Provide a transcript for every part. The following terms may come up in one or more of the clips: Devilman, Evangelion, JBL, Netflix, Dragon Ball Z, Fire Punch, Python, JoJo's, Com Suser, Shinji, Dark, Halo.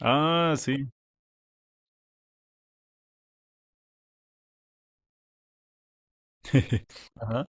Ah, sí. Ajá.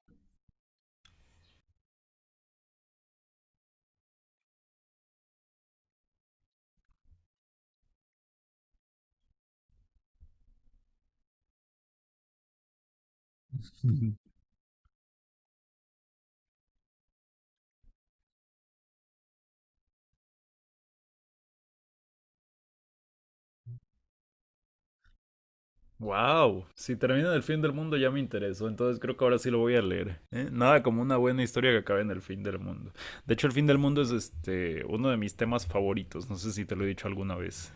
Wow, si termina en el fin del mundo ya me interesó, entonces creo que ahora sí lo voy a leer, ¿eh? Nada como una buena historia que acabe en el fin del mundo. De hecho, el fin del mundo es uno de mis temas favoritos. No sé si te lo he dicho alguna vez.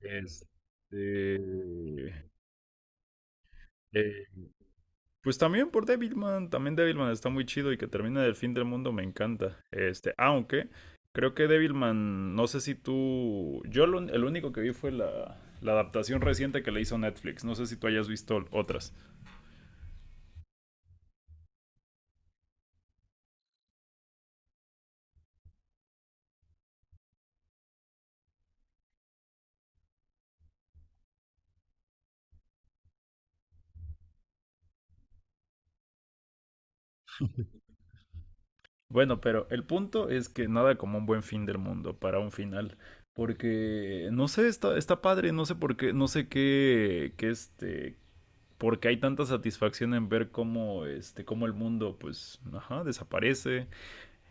Este, eh, Pues también por Devilman, también Devilman está muy chido y que termine del fin del mundo me encanta. Aunque creo que Devilman, no sé si tú, el único que vi fue la adaptación reciente que le hizo Netflix, no sé si tú hayas visto otras. Bueno, pero el punto es que nada como un buen fin del mundo para un final, porque no sé, está padre, no sé por qué, no sé qué, porque hay tanta satisfacción en ver cómo, cómo el mundo, pues, ajá, desaparece,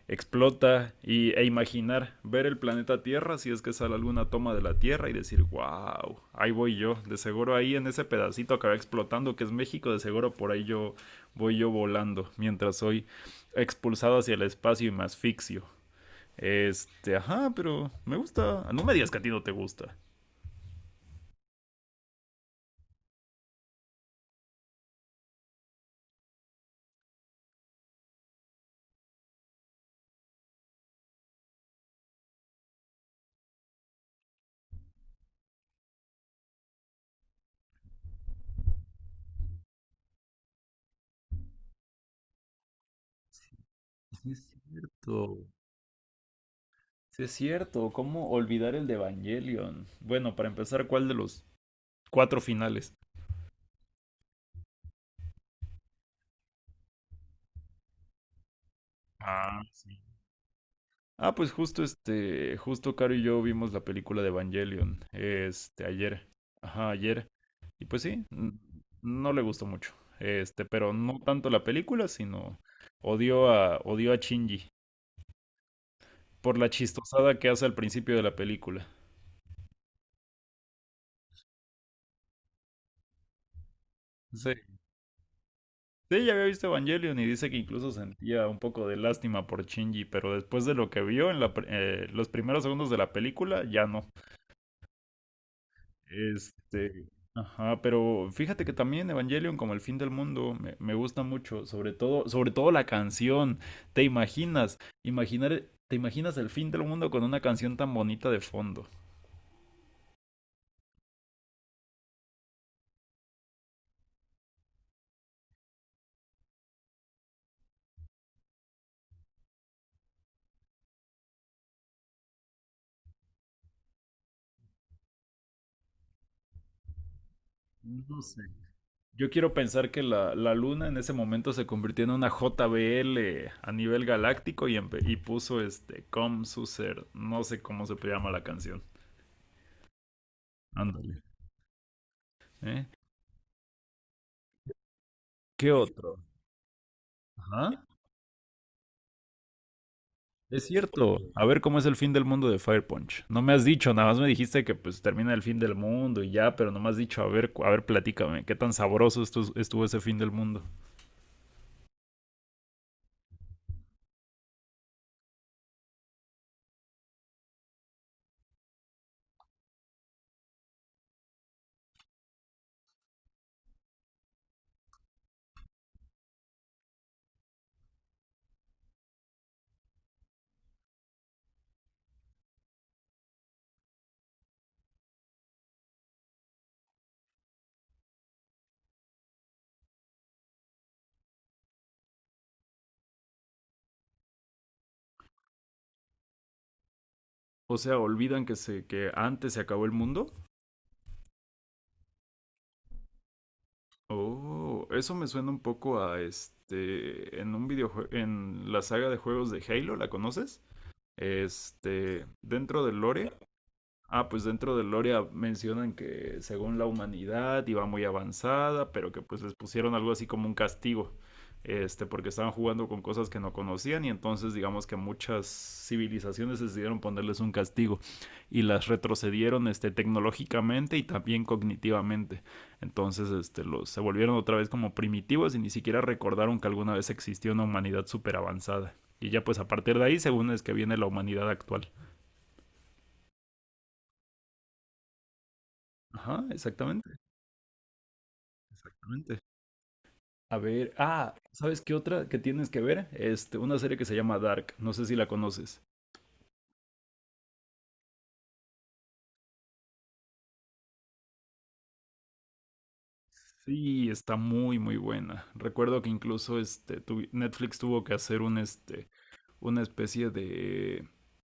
explota e imaginar ver el planeta Tierra, si es que sale alguna toma de la Tierra y decir, wow, ahí voy yo, de seguro ahí en ese pedacito que va explotando que es México, de seguro por ahí yo voy yo volando mientras soy expulsado hacia el espacio y me asfixio. Ajá, pero me gusta, no me digas que a ti no te gusta. Sí, es cierto. Sí, es cierto, ¿cómo olvidar el de Evangelion? Bueno, para empezar, ¿cuál de los cuatro finales? Ah, sí. Ah, pues justo Caro y yo vimos la película de Evangelion, ayer, ajá, ayer, y pues sí, no le gustó mucho, pero no tanto la película, sino odió a Shinji por la chistosada que hace al principio de la película. Sí, sí, ya había visto Evangelion y dice que incluso sentía un poco de lástima por Shinji, pero después de lo que vio en los primeros segundos de la película, ya no. Este, ajá, pero fíjate que también Evangelion como el fin del mundo me gusta mucho, sobre todo la canción. ¿Te imaginas? Imaginar, ¿te imaginas el fin del mundo con una canción tan bonita de fondo? No sé. Yo quiero pensar que la luna en ese momento se convirtió en una JBL a nivel galáctico y, y puso este Com Suser, no sé cómo se llama la canción. Ándale. ¿Eh? ¿Qué otro? Ajá. Es cierto. A ver cómo es el fin del mundo de Fire Punch. No me has dicho, nada más me dijiste que pues termina el fin del mundo y ya, pero no me has dicho, a ver, a ver, platícame, qué tan sabroso estuvo ese fin del mundo. O sea, olvidan que antes se acabó el mundo. Oh, eso me suena un poco a en un videojuego en la saga de juegos de Halo, ¿la conoces? Dentro del lore. Ah, pues dentro de Loria mencionan que según la humanidad iba muy avanzada, pero que pues les pusieron algo así como un castigo, porque estaban jugando con cosas que no conocían y entonces digamos que muchas civilizaciones decidieron ponerles un castigo y las retrocedieron, tecnológicamente y también cognitivamente. Entonces, se volvieron otra vez como primitivos y ni siquiera recordaron que alguna vez existió una humanidad súper avanzada. Y ya pues a partir de ahí, según es que viene la humanidad actual. Ajá, exactamente, exactamente. A ver, ah, ¿sabes qué otra que tienes que ver? Una serie que se llama Dark, no sé si la conoces. Sí, está muy muy buena. Recuerdo que incluso Netflix tuvo que hacer un este una especie de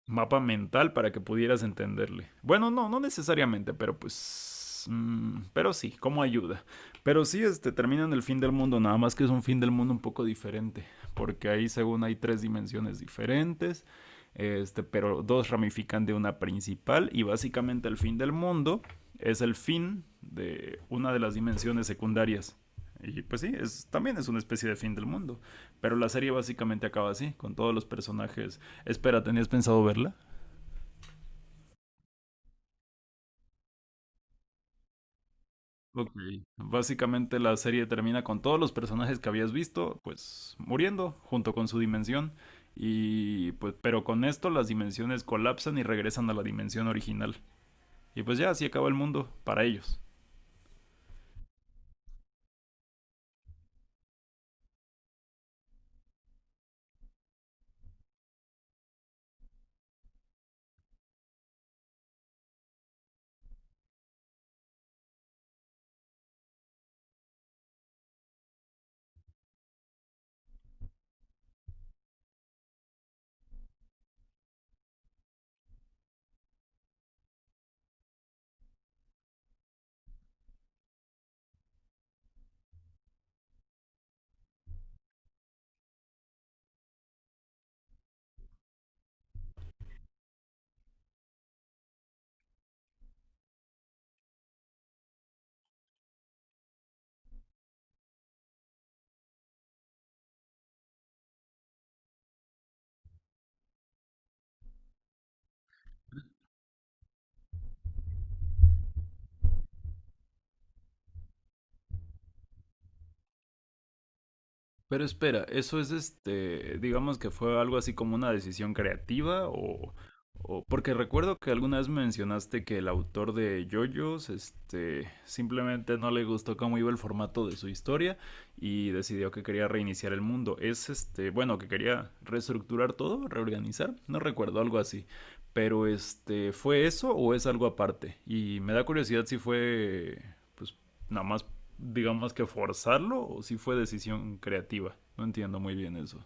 mapa mental para que pudieras entenderle. Bueno, no, no necesariamente, pero pues pero sí, como ayuda. Pero sí, terminan el fin del mundo, nada más que es un fin del mundo un poco diferente, porque ahí según hay tres dimensiones diferentes, pero dos ramifican de una principal y básicamente el fin del mundo es el fin de una de las dimensiones secundarias. Y pues sí, también es una especie de fin del mundo. Pero la serie básicamente acaba así, con todos los personajes. Espera, ¿tenías pensado verla? Ok. Básicamente la serie termina con todos los personajes que habías visto, pues muriendo junto con su dimensión. Y pues, pero con esto las dimensiones colapsan y regresan a la dimensión original. Y pues ya así acaba el mundo para ellos. Pero espera, ¿eso es digamos que fue algo así como una decisión creativa o porque recuerdo que alguna vez mencionaste que el autor de JoJo's, simplemente no le gustó cómo iba el formato de su historia y decidió que quería reiniciar el mundo. Bueno, que quería reestructurar todo, reorganizar, no recuerdo, algo así. Pero ¿fue eso o es algo aparte? Y me da curiosidad si fue, pues, nada más, digamos, que forzarlo o si fue decisión creativa. No entiendo muy bien eso.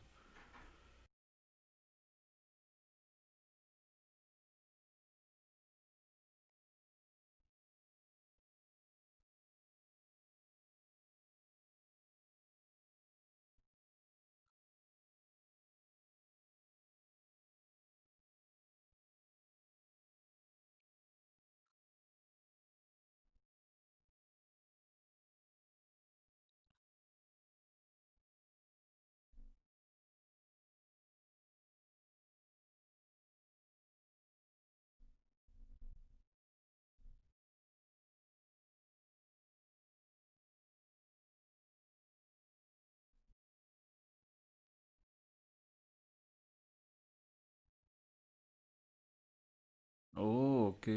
Oh, ok.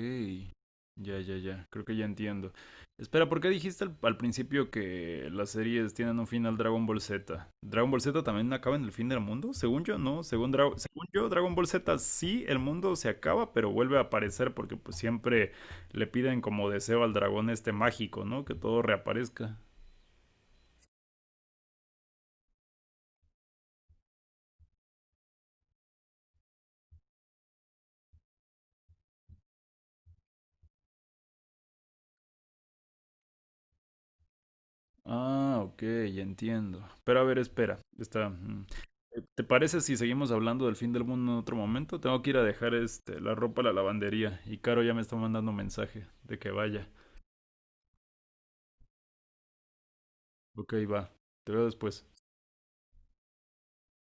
Ya, ya, ya. Creo que ya entiendo. Espera, ¿por qué dijiste al principio que las series tienen un final Dragon Ball Z? ¿Dragon Ball Z también acaba en el fin del mundo? Según yo, no. Según, según yo, Dragon Ball Z sí, el mundo se acaba, pero vuelve a aparecer porque pues siempre le piden como deseo al dragón este mágico, ¿no? Que todo reaparezca. Ah, ok, ya entiendo. Pero a ver, espera. Está. Mm. ¿Te parece si seguimos hablando del fin del mundo en otro momento? Tengo que ir a dejar la ropa a la lavandería y Caro ya me está mandando mensaje de que vaya. Ok, va. Te veo después.